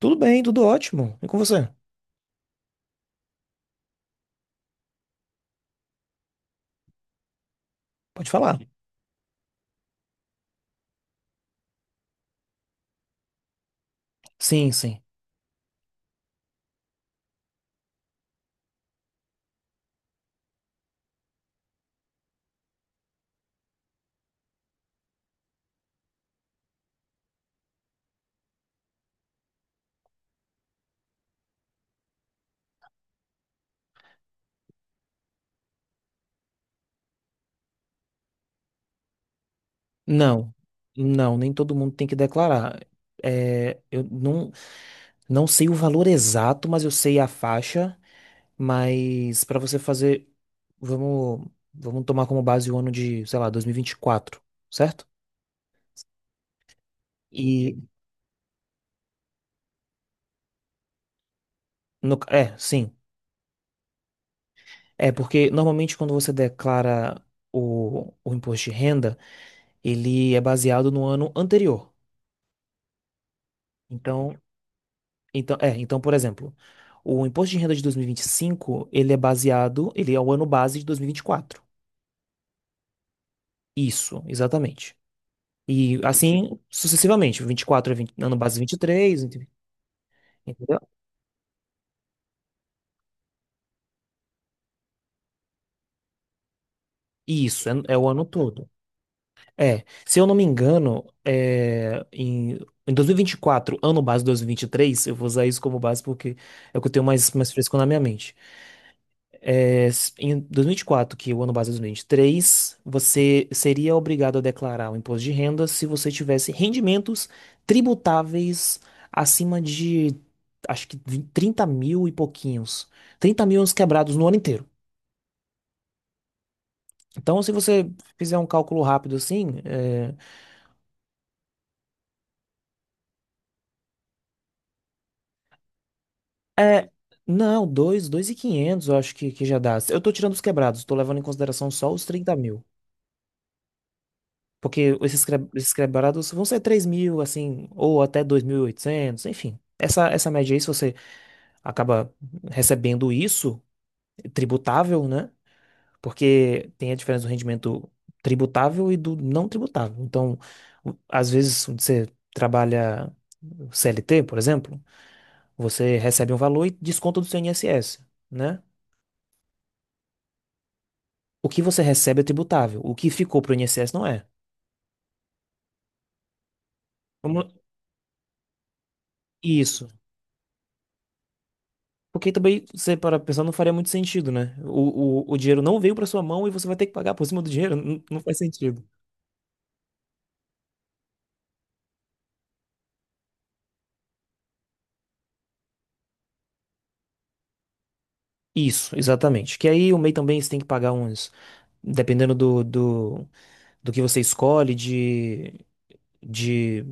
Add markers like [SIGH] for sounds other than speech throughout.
Tudo bem, tudo ótimo. E com você? Pode falar. Sim, sim. Não, não, nem todo mundo tem que declarar. É, eu não sei o valor exato, mas eu sei a faixa. Mas para você fazer, vamos, vamos tomar como base o ano de, sei lá, dois mil e vinte e quatro, certo? E no, é, sim. É porque normalmente quando você declara o imposto de renda, ele é baseado no ano anterior. Então, Então, é, então, por exemplo, o imposto de renda de dois mil e vinte e cinco ele é o ano base de dois mil e vinte e quatro. Isso, exatamente. E assim, sucessivamente, 24 é 20, ano base 23, entendeu? Isso, é, é o ano todo. É, se eu não me engano, é, em 2024 ano base dois mil e vinte e três eu vou usar isso como base porque é o que eu tenho mais fresco na minha mente. É, em 2024, que é o ano base é 2023, você seria obrigado a declarar o imposto de renda se você tivesse rendimentos tributáveis acima de, acho que 20 30 mil e pouquinhos. 30 mil uns quebrados no ano inteiro. Então, se você fizer um cálculo rápido assim, é, não, 2, 2.500 eu acho que já dá. Eu tô tirando os quebrados, tô levando em consideração só os 30 mil. Porque esses quebrados vão ser 3.000, assim, ou até 2.800 enfim. Essa média aí, se você acaba recebendo isso, tributável, né? Porque tem a diferença do rendimento tributável e do não tributável. Então, às vezes, você trabalha CLT, por exemplo, você recebe um valor e desconta do seu INSS, né? O que você recebe é tributável, o que ficou para o INSS não é. Vamos- Isso. Porque também, você para pensar, não faria muito sentido, né? O dinheiro não veio para sua mão e você vai ter que pagar por cima do dinheiro. Não, não faz sentido. Isso, exatamente. Que aí o MEI também você tem que pagar uns. Dependendo do que você escolhe, de,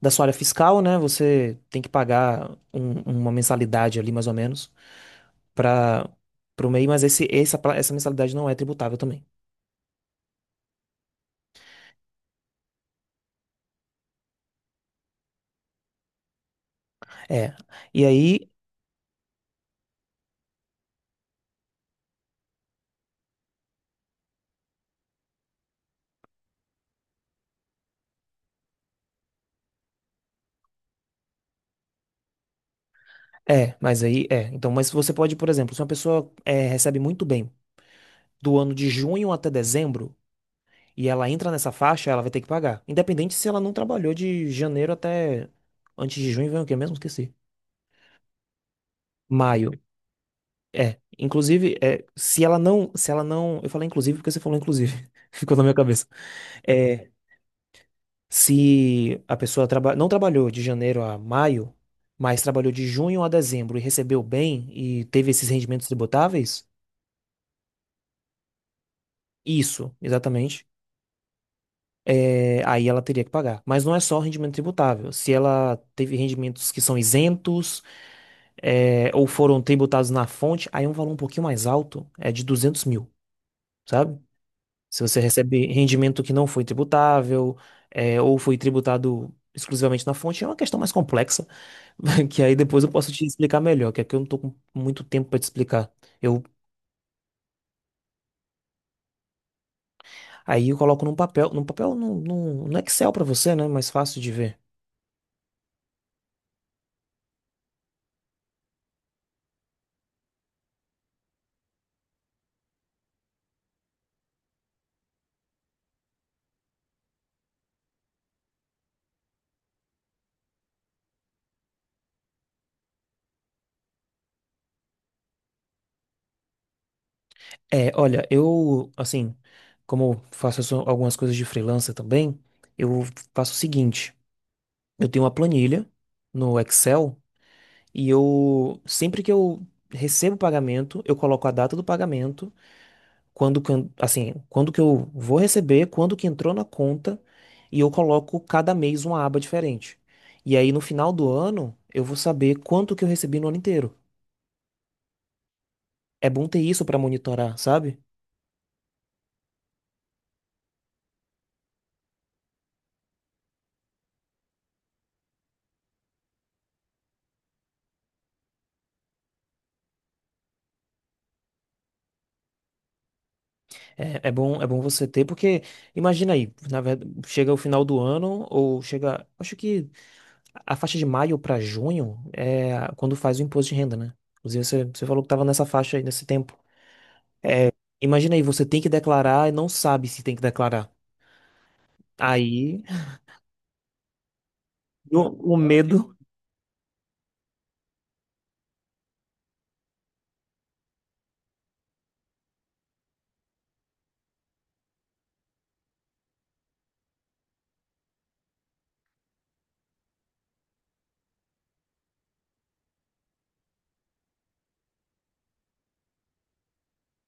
da sua área fiscal, né? Você tem que pagar uma mensalidade ali, mais ou menos, para o MEI, mas essa mensalidade não é tributável também. É. E aí. É, mas aí é. Então, mas você pode, por exemplo, se uma pessoa recebe muito bem. Do ano de junho até dezembro e ela entra nessa faixa, ela vai ter que pagar. Independente se ela não trabalhou de janeiro até antes de junho, vem o quê mesmo? Esqueci. Maio. É, inclusive, é, se ela não, eu falei inclusive porque você falou inclusive, [LAUGHS] ficou na minha cabeça. É, se a pessoa não trabalhou de janeiro a maio, mas trabalhou de junho a dezembro e recebeu bem e teve esses rendimentos tributáveis, isso, exatamente. Aí ela teria que pagar. Mas não é só rendimento tributável. Se ela teve rendimentos que são isentos, ou foram tributados na fonte, aí é um valor um pouquinho mais alto, é de 200.000, sabe? Se você recebe rendimento que não foi tributável, ou foi tributado exclusivamente na fonte, é uma questão mais complexa, [LAUGHS] que aí depois eu posso te explicar melhor, que aqui eu não tô com muito tempo para te explicar. Eu, aí eu coloco num papel, no Excel para você, né? Mais fácil de ver. É, olha, como eu faço algumas coisas de freelancer também, eu faço o seguinte: eu tenho uma planilha no Excel e eu, sempre que eu recebo o pagamento, eu coloco a data do pagamento, quando que eu vou receber, quando que entrou na conta, e eu coloco cada mês uma aba diferente. E aí, no final do ano, eu vou saber quanto que eu recebi no ano inteiro. É bom ter isso pra monitorar, sabe? É bom você ter, porque imagina aí, na verdade, chega o final do ano, ou chega, acho que a faixa de maio pra junho é quando faz o imposto de renda, né? Inclusive, você falou que tava nessa faixa aí, nesse tempo. Imagina aí, você tem que declarar e não sabe se tem que declarar. Aí, o medo.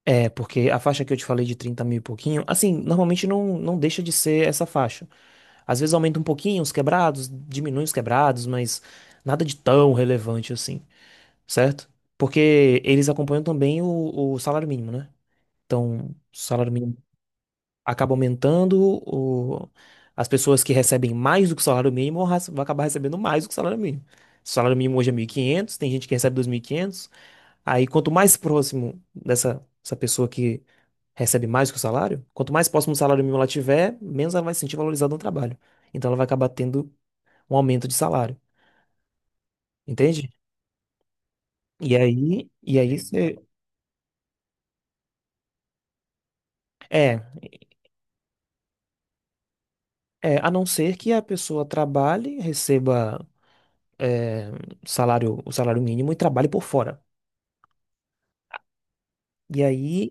É, porque a faixa que eu te falei de 30.000 e pouquinho, assim, normalmente não deixa de ser essa faixa. Às vezes aumenta um pouquinho os quebrados, diminui os quebrados, mas nada de tão relevante assim. Certo? Porque eles acompanham também o salário mínimo, né? Então, o salário mínimo acaba aumentando, o, as pessoas que recebem mais do que o salário mínimo vão acabar recebendo mais do que o salário mínimo. O salário mínimo hoje é 1.500. Tem gente que recebe 2.500. Aí, quanto mais próximo dessa essa pessoa que recebe mais do que o salário, quanto mais próximo do salário mínimo ela tiver, menos ela vai se sentir valorizada no trabalho. Então, ela vai acabar tendo um aumento de salário, entende? E aí, é, é, a não ser que a pessoa trabalhe, receba é, o salário mínimo e trabalhe por fora. E aí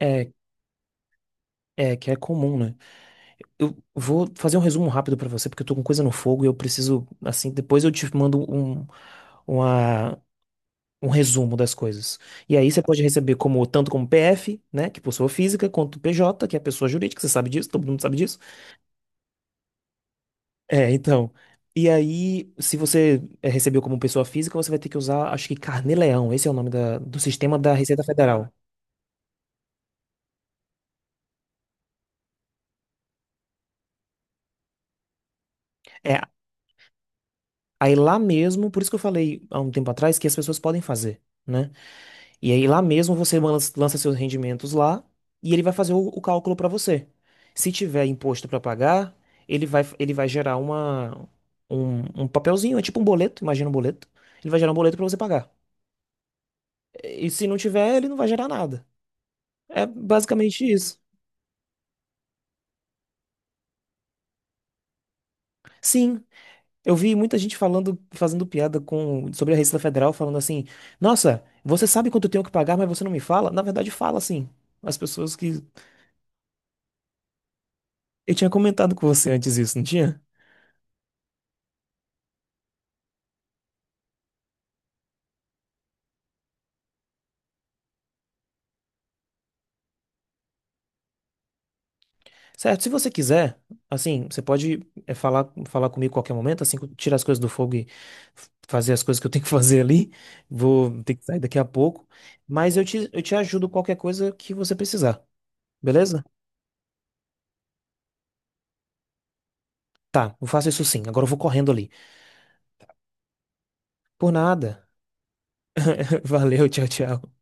é, é que é comum, né? Eu vou fazer um resumo rápido pra você, porque eu tô com coisa no fogo e eu preciso, assim, depois eu te mando uma, um resumo das coisas. E aí você pode receber como tanto como PF, né, que é pessoa física, quanto PJ, que é pessoa jurídica, você sabe disso, todo mundo sabe disso. É, então. E aí, se você recebeu como pessoa física, você vai ter que usar, acho que Carnê-Leão, esse é o nome do sistema da Receita Federal. É, aí lá mesmo, por isso que eu falei há um tempo atrás que as pessoas podem fazer, né? E aí lá mesmo você lança seus rendimentos lá e ele vai fazer o cálculo para você. Se tiver imposto para pagar, ele vai gerar um papelzinho, é tipo um boleto, imagina um boleto. Ele vai gerar um boleto para você pagar. E se não tiver, ele não vai gerar nada. É basicamente isso. Sim, eu vi muita gente falando, fazendo piada sobre a Receita Federal, falando assim: Nossa, você sabe quanto eu tenho que pagar, mas você não me fala? Na verdade, fala sim. As pessoas que. Eu tinha comentado com você antes isso, não tinha? Certo, se você quiser, assim, você pode falar comigo a qualquer momento, assim, tirar as coisas do fogo e fazer as coisas que eu tenho que [LAUGHS] fazer ali. Vou ter que sair daqui a pouco. Mas eu te ajudo qualquer coisa que você precisar, beleza? Tá, eu faço isso sim. Agora eu vou correndo ali. Por nada. [LAUGHS] Valeu, tchau, tchau.